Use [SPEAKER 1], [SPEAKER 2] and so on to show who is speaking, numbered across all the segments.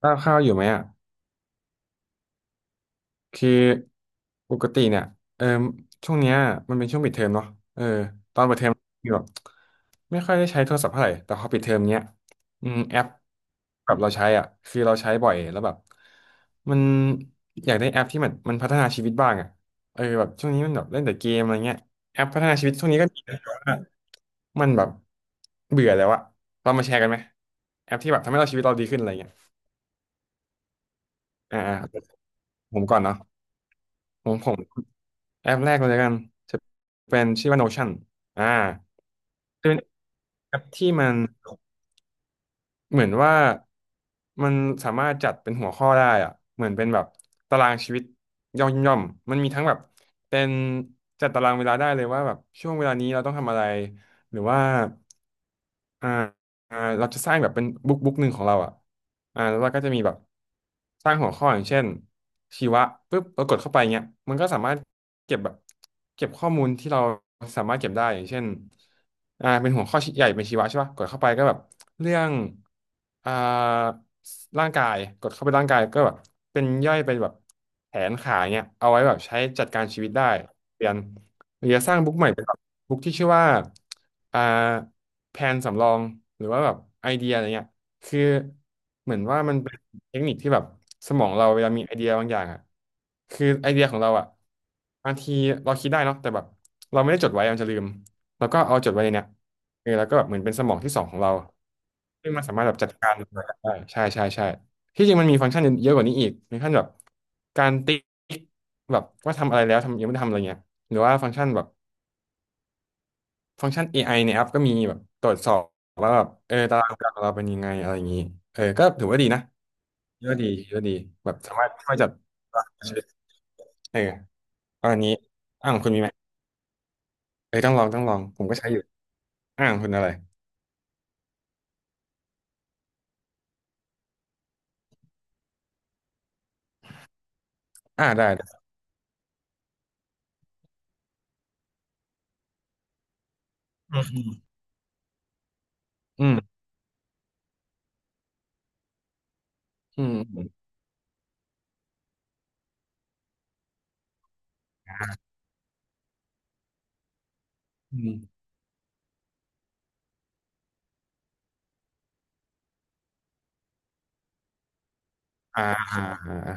[SPEAKER 1] ข้าวข้าวอยู่ไหมอ่ะคือปกติเนี่ยเออช่วงเนี้ยมันเป็นช่วงปิดเทอมเนาะเออตอนเปิดเทอมคือแบบไม่ค่อยได้ใช้โทรศัพท์เท่าไหร่แต่พอปิดเทอมเนี้ยอืมแอปกับเราใช้อ่ะคือเราใช้บ่อยแล้วแบบมันอยากได้แอปที่มันพัฒนาชีวิตบ้างอ่ะเออแบบช่วงนี้มันแบบเล่นแต่เกมอะไรเงี้ยแอปพัฒนาชีวิตช่วงนี้ก็ดีแต่ว่ามันแบบเบื่อแล้วอะเรามาแชร์กันไหมแอปที่แบบทำให้เราชีวิตเราดีขึ้นอะไรเงี้ยอ่าอ่าผมก่อนเนาะผม แอปแรกเลยละกันจะเป็นชื่อว่า Notion อ่าจะเป็นแอปที่มันเหมือนว่ามันสามารถจัดเป็นหัวข้อได้อะเหมือนเป็นแบบตารางชีวิตย่อมย่อมมันมีทั้งแบบเป็นจัดตารางเวลาได้เลยว่าแบบช่วงเวลานี้เราต้องทำอะไรหรือว่าอ่า อ่าเราจะสร้างแบบเป็นบุ๊กบุ๊กหนึ่งของเราอ่ะอ่าแล้วเราก็จะมีแบบสร้างหัวข้ออย่างเช่นชีวะปุ๊บเรากดเข้าไปเงี้ยมันก็สามารถเก็บแบบเก็บข้อมูลที่เราสามารถเก็บได้อย่างเช่นอ่าเป็นหัวข้อใหญ่เป็นชีวะใช่ป่ะกดเข้าไปก็แบบเรื่องอ่าร่างกายกดเข้าไปร่างกายก็แบบเป็นย่อยเป็นแบบแขนขาเงี้ยเอาไว้แบบใช้จัดการชีวิตได้เรียนหรือจะสร้างบุ๊กใหม่ บุ๊กที่ชื่อว่าอ่าแผนสำรองหรือว่าแบบไอเดียอะไรเงี้ยคือเหมือนว่ามันเป็นเทคนิคที่แบบสมองเราเวลามีไอเดียบางอย่างอ่ะคือไอเดียของเราอ่ะบางทีเราคิดได้เนาะแต่แบบเราไม่ได้จดไว้มันจะลืมแล้วก็เอาจดไว้ในเนี้ยเออแล้วก็แบบเหมือนเป็นสมองที่สองของเราซึ่งมันสามารถแบบจัดการมันได้ใช่ใช่ใช่ที่จริงมันมีฟังก์ชันเยอะกว่านี้อีกมีขั้นแบบการติ๊กแบบว่าทำอะไรแล้วทำยังไม่ได้ทำอะไรเงี้ยหรือว่าฟังก์ชันแบบ ฟังก์ชัน AI ในแอปก็มีแบบตรวจสอบว่าแบบเออตารางการของเราเป็นยังไงอะไรอย่างนี้เออก็ถือว่าดีนะถือว่าดีถือว่าดีแบบสามารถช่วยจัดตารางชีวิตเออเอาอันนี้อ่าของคุณมีไหมเออต้องลองต้องลองผมก็ใช้อยู่อ่าของคุณอะไรอ่าได้ได้อืมอืมอืมอืมอืมอ่าอ่าอ่า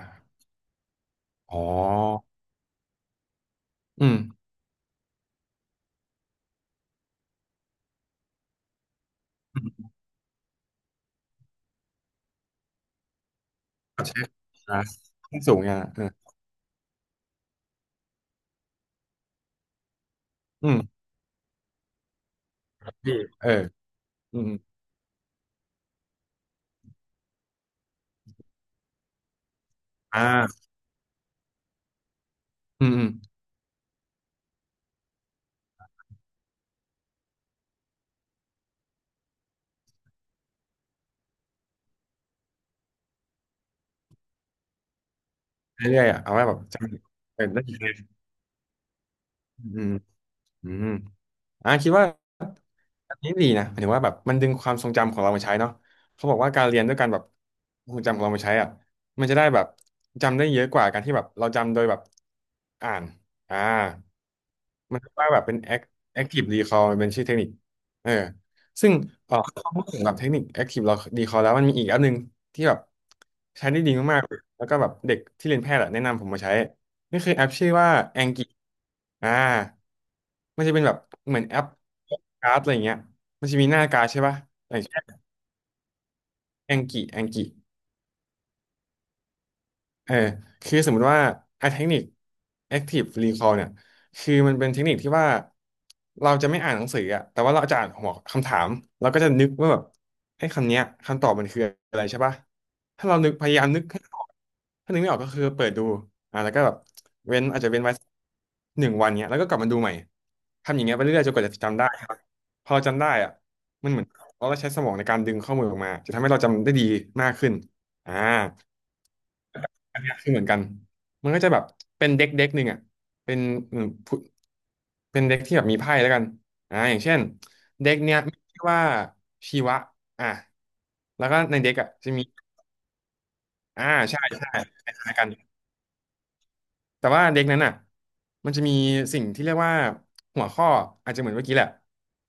[SPEAKER 1] อ๋ออืมอืมเช็คอ่าขึ้นสูงอ่ะเอออืมดีเอออืมอ่าอืมอืมเรื่อยๆอ่ะเอาไว้แบบจำเออได้อีกเลยอืมอืม อ่าคิดว่าอันนี้ดีนะหมายถึงว่าแบบมันดึงความทรงจำของเรามาใช้เนาะเขาบอกว่าการเรียนด้วยการแบบทรงจำของเรามาใช้อ่ะมันจะได้แบบจำได้เยอะกว่าการที่แบบเราจำโดยแบบอ่านอ่า มันเรียกว่าแบบเป็น active recall มันเป็นชื่อเทคนิคเออซึ่งเออถ้พูดถึงแบบเทคนิค active recall แล้วมันมีอีกอันหนึงที่แบบใช้ได้ดีมากๆแล้วก็แบบเด็กที่เรียนแพทย์อะแนะนำผมมาใช้นี่คือแอปชื่อว่า Anki อ่ามันจะเป็นแบบเหมือนแอปการ์ดอะไรเงี้ยมันจะมีหน้าการ์ดใช่ป่ะอย่างเช่นแองกิแองกิ เออคือสมมุติว่าไอ้เทคนิค active recall เนี่ยคือมันเป็นเทคนิคที่ว่าเราจะไม่อ่านหนังสืออะแต่ว่าเราจะอ่านหัวคำถามเราก็จะนึกว่าแบบไอ้คำเนี้ยคำตอบมันคืออะไรใช่ปะถ้าเรานึกพยายามนึกให้ออกถ้านึกไม่ออกก็คือเปิดดูอ่ะแล้วก็แบบเว้นอาจจะเว้นไว้1 วันเนี้ยแล้วก็กลับมาดูใหม่ทำอย่างเงี้ยไปเรื่อยๆจนกว่าจะจำได้ครับพอเราจำได้อ่ะมันเหมือนเราได้ใช้สมองในการดึงข้อมูลออกมาจะทำให้เราจำได้ดีมากขึ้นอ่า อันเนี้ยคือเหมือนกัน มันก็จะแบบเป็นเด็กเด็กหนึ่งอ่ะเป็นอืมผู้เป็นเด็กที่แบบมีไพ่แล้วกันอ่าอย่างเช่นเด็กเนี้ยมีชื่อว่าชีวะอ่ะแล้วก็ในเด็กอ่ะจะมีอ่าใช่ใช่คล้ายๆกัน แต่ว่าเด็กนั้นอ่ะมันจะมีสิ่งที่เรียกว่าหัวข้ออาจจะเหมือนเมื่อกี้แหละ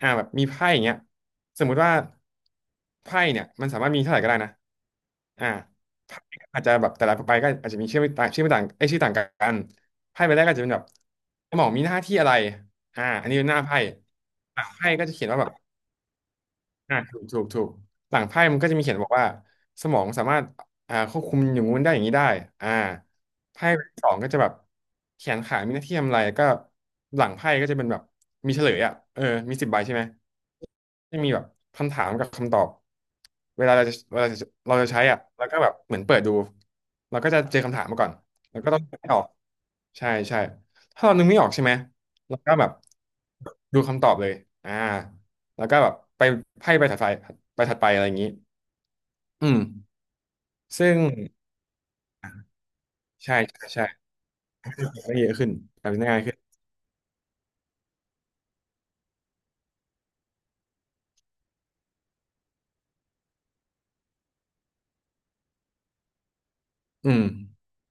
[SPEAKER 1] แบบมีไพ่อย่างเงี้ยสมมุติว่าไพ่เนี่ยมันสามารถมีเท่าไหร่ก็ได้นะอ่าไพ่อาจจะแบบแต่ละใบก็อาจจะมีชื่อไม่ต่างชื่อไม่ต่างไอยชื่อต่างกันไพ่ใบแรกก็อาจจะเป็นแบบหมอมีหน้าที่อะไรอันนี้เป็นหน้าไพ่หลังไพ่ก็จะเขียนว่าแบบ อ่าถูกถูกถูกหลังไพ่มันก็จะมีเขียนบอกว่าสมองสามารถควบคุมอย่างงู้นได้อย่างนี้ได้อ่าไพ่สองก็จะแบบแขนขามีหน้าที่ทำอะไรก็หลังไพ่ก็จะเป็นแบบมีเฉลยอ่ะเออมี10 ใบใช่ไหมจะมีแบบคำถามกับคำตอบเวลาจะเราจะใช้อ่ะแล้วก็แบบเหมือนเปิดดูเราก็จะเจอคำถามมาก่อนแล้วก็ต้องนึกให้ออกใช่ใช่ถ้าเรานึกไม่ออกใช่ไหมเราก็แบบดูคำตอบเลยอ่า แล้วก็แบบไปไพ่ไปถัดไปอะไรอย่างนี้อืมซึ่งใช่ใช่ใช่ทำได้เยอะขึ้นทำได้ง่ายขึ้น อืม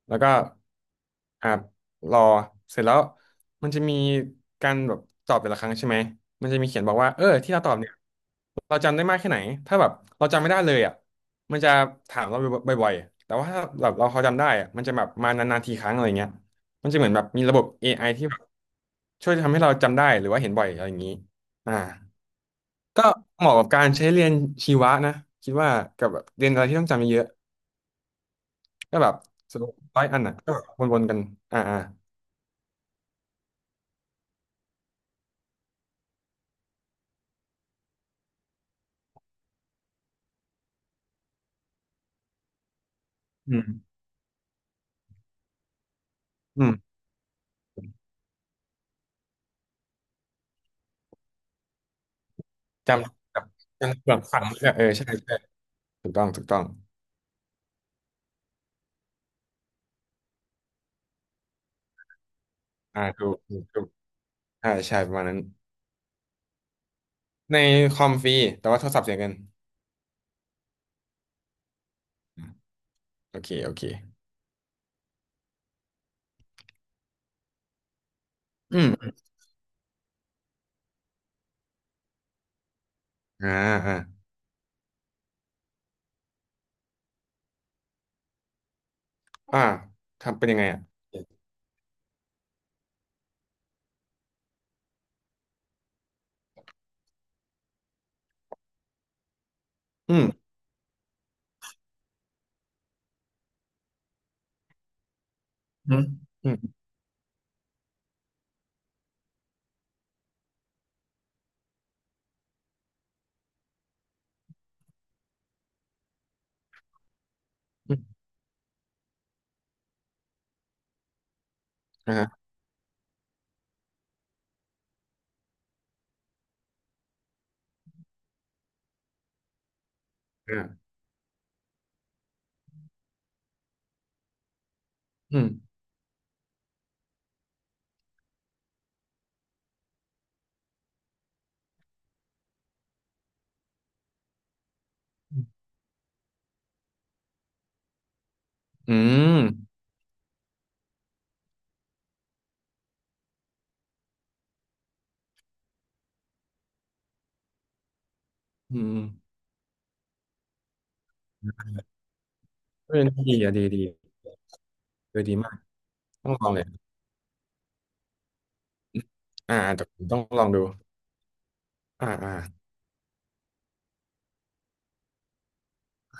[SPEAKER 1] แล้วก็อ่ารอเสร็จแล้วมันจะมีการแบบตอบแต่ละครั้งใช่ไหมมันจะมีเขียนบอกว่าเออที่เราตอบเนี่ยเราจำได้มากแค่ไหนถ้าแบบเราจำไม่ได้เลยอ่ะมันจะถามเราบ่อยๆแต่ว่าถ้าแบบเราพอจำได้อ่ะมันจะแบบมานานๆทีครั้งอะไรเงี้ยมันจะเหมือนแบบมีระบบ AI ที่แบบช่วยทำให้เราจำได้หรือว่าเห็นบ่อยอะไรอย่างนี้อ่าก็เหมาะกับการใช้เรียนชีวะนะคิดว่ากับแบบเรียนอะไรที่ต้องจำเยอะ ก็แบบสรุป100 อันอ่ะก็แบบวนๆกันอ่าอ่าอืมอืมจำแบบยังแบบฝังเลยอะเออใช่ใช่ถูกต้องถูกต้องอ่าถูกถูกถูกใช่ใช่ประมาณนั้นในคอมฟรีแต่ว่าโทรศัพท์เสียเงินอืมโอเคโอเคอืมอ่าอ่าอ่าทำเป็นยังไงอ่ะอืมอืมอืมอืมอ่าอ่าอืมอืมอืมอืมเออดีอ่ะดีดีเออดีมากต้องลองเลยอ่าแต่ผมต้องลองดูอ่าอ่า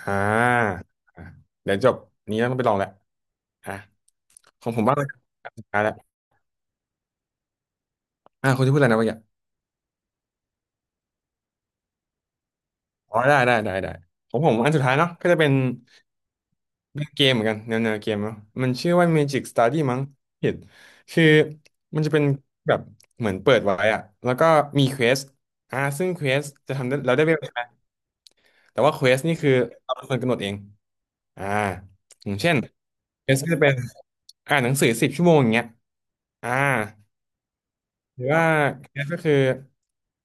[SPEAKER 1] อ่าเดี๋ยวจบนี้ต้องไปลองแหละอ่ะของผมบ้างเลยอันสุดท้ายแล้วคุณจะพูดอะไรนะเมื่อกี้อ๋อได้ได้ได้ได้ของผมอันสุดท้ายเนาะก็จะเป็นเป็นเกมเหมือนกันแนวเกมเนาะมันชื่อว่า Magic Study มั้งผิดคือมันจะเป็นแบบเหมือนเปิดไว้อะแล้วก็มีเควสซึ่งเควสจะทำได้เราได้เวลาแต่ว่าเควสนี่คือเราเป็นคนกำหนดเองอ่าอย่างเช่นเควสก็จะเป็นอ่านหนังสือ10 ชั่วโมงอย่างเงี้ยอ่า หรือว่าเคสก็คือ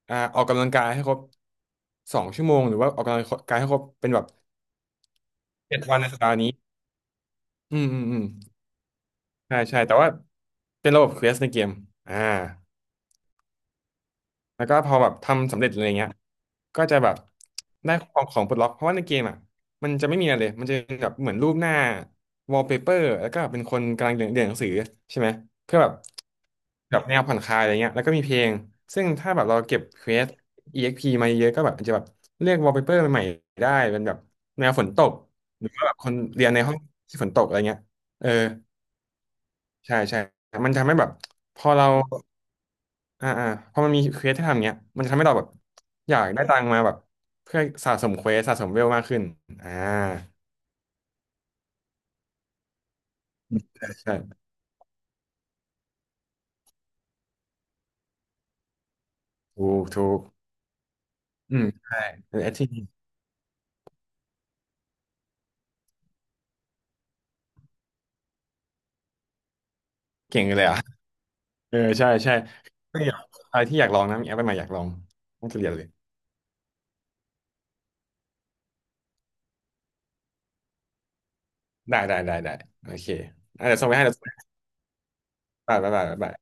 [SPEAKER 1] ออกกำลังกายให้ครบ2 ชั่วโมงหรือว่าออกกำลังกายให้ครบเป็นแบบ7 วันในสัปดาห์นี้อืมอืมอืมใช่ใช่แต่ว่าเป็นระบบเควสในเกมอ่า แล้วก็พอแบบทำสำเร็จอะไรเงี้ยก็จะแบบได้ของปลดล็อก เพราะว่าในเกมอ่ะมันจะไม่มีอะไรเลยมันจะเป็นแบบเหมือนรูปหน้าวอลเปเปอร์แล้วก็เป็นคนกำลังเรียนหนังสือใช่ไหมเพื่อแบบแบบแนวผ่อนคลายอะไรเงี้ยแล้วก็มีเพลง ซึ่งถ้าแบบเราเก็บเควส EXP มาเยอะก็แบบอาจจะแบบเลือกวอลเปเปอร์ใหม่ๆได้ เป็นแบบแนวฝนตก หรือว่าแบบคนเรียนในห้องที่ฝนตกอะไรเงี้ยเออ ใช่ใช่ มันทำให้แบบพอเราอ่าอ่าพอมันมีเควสที่ทำเงี้ยมันทำให้เราแบบอยากได้ตังค์มาแบบเพื่อสะสมเควสสะสมเวลมากขึ้นอ่าใช่ถูกถูกอืมใช่เออแอคทีเก่งเลยอ่ะเออใช่ใช่ก็อยากอะไรที่อยากลองนะมีแอปใหม่ๆอยากลองต้องเรียนเลยได้ได้ได้ได้โอเคอ่ะเดี๋ยวส่งไปให้เดี๋ยวส่งไปบ๊ายบายบ๊ายบาย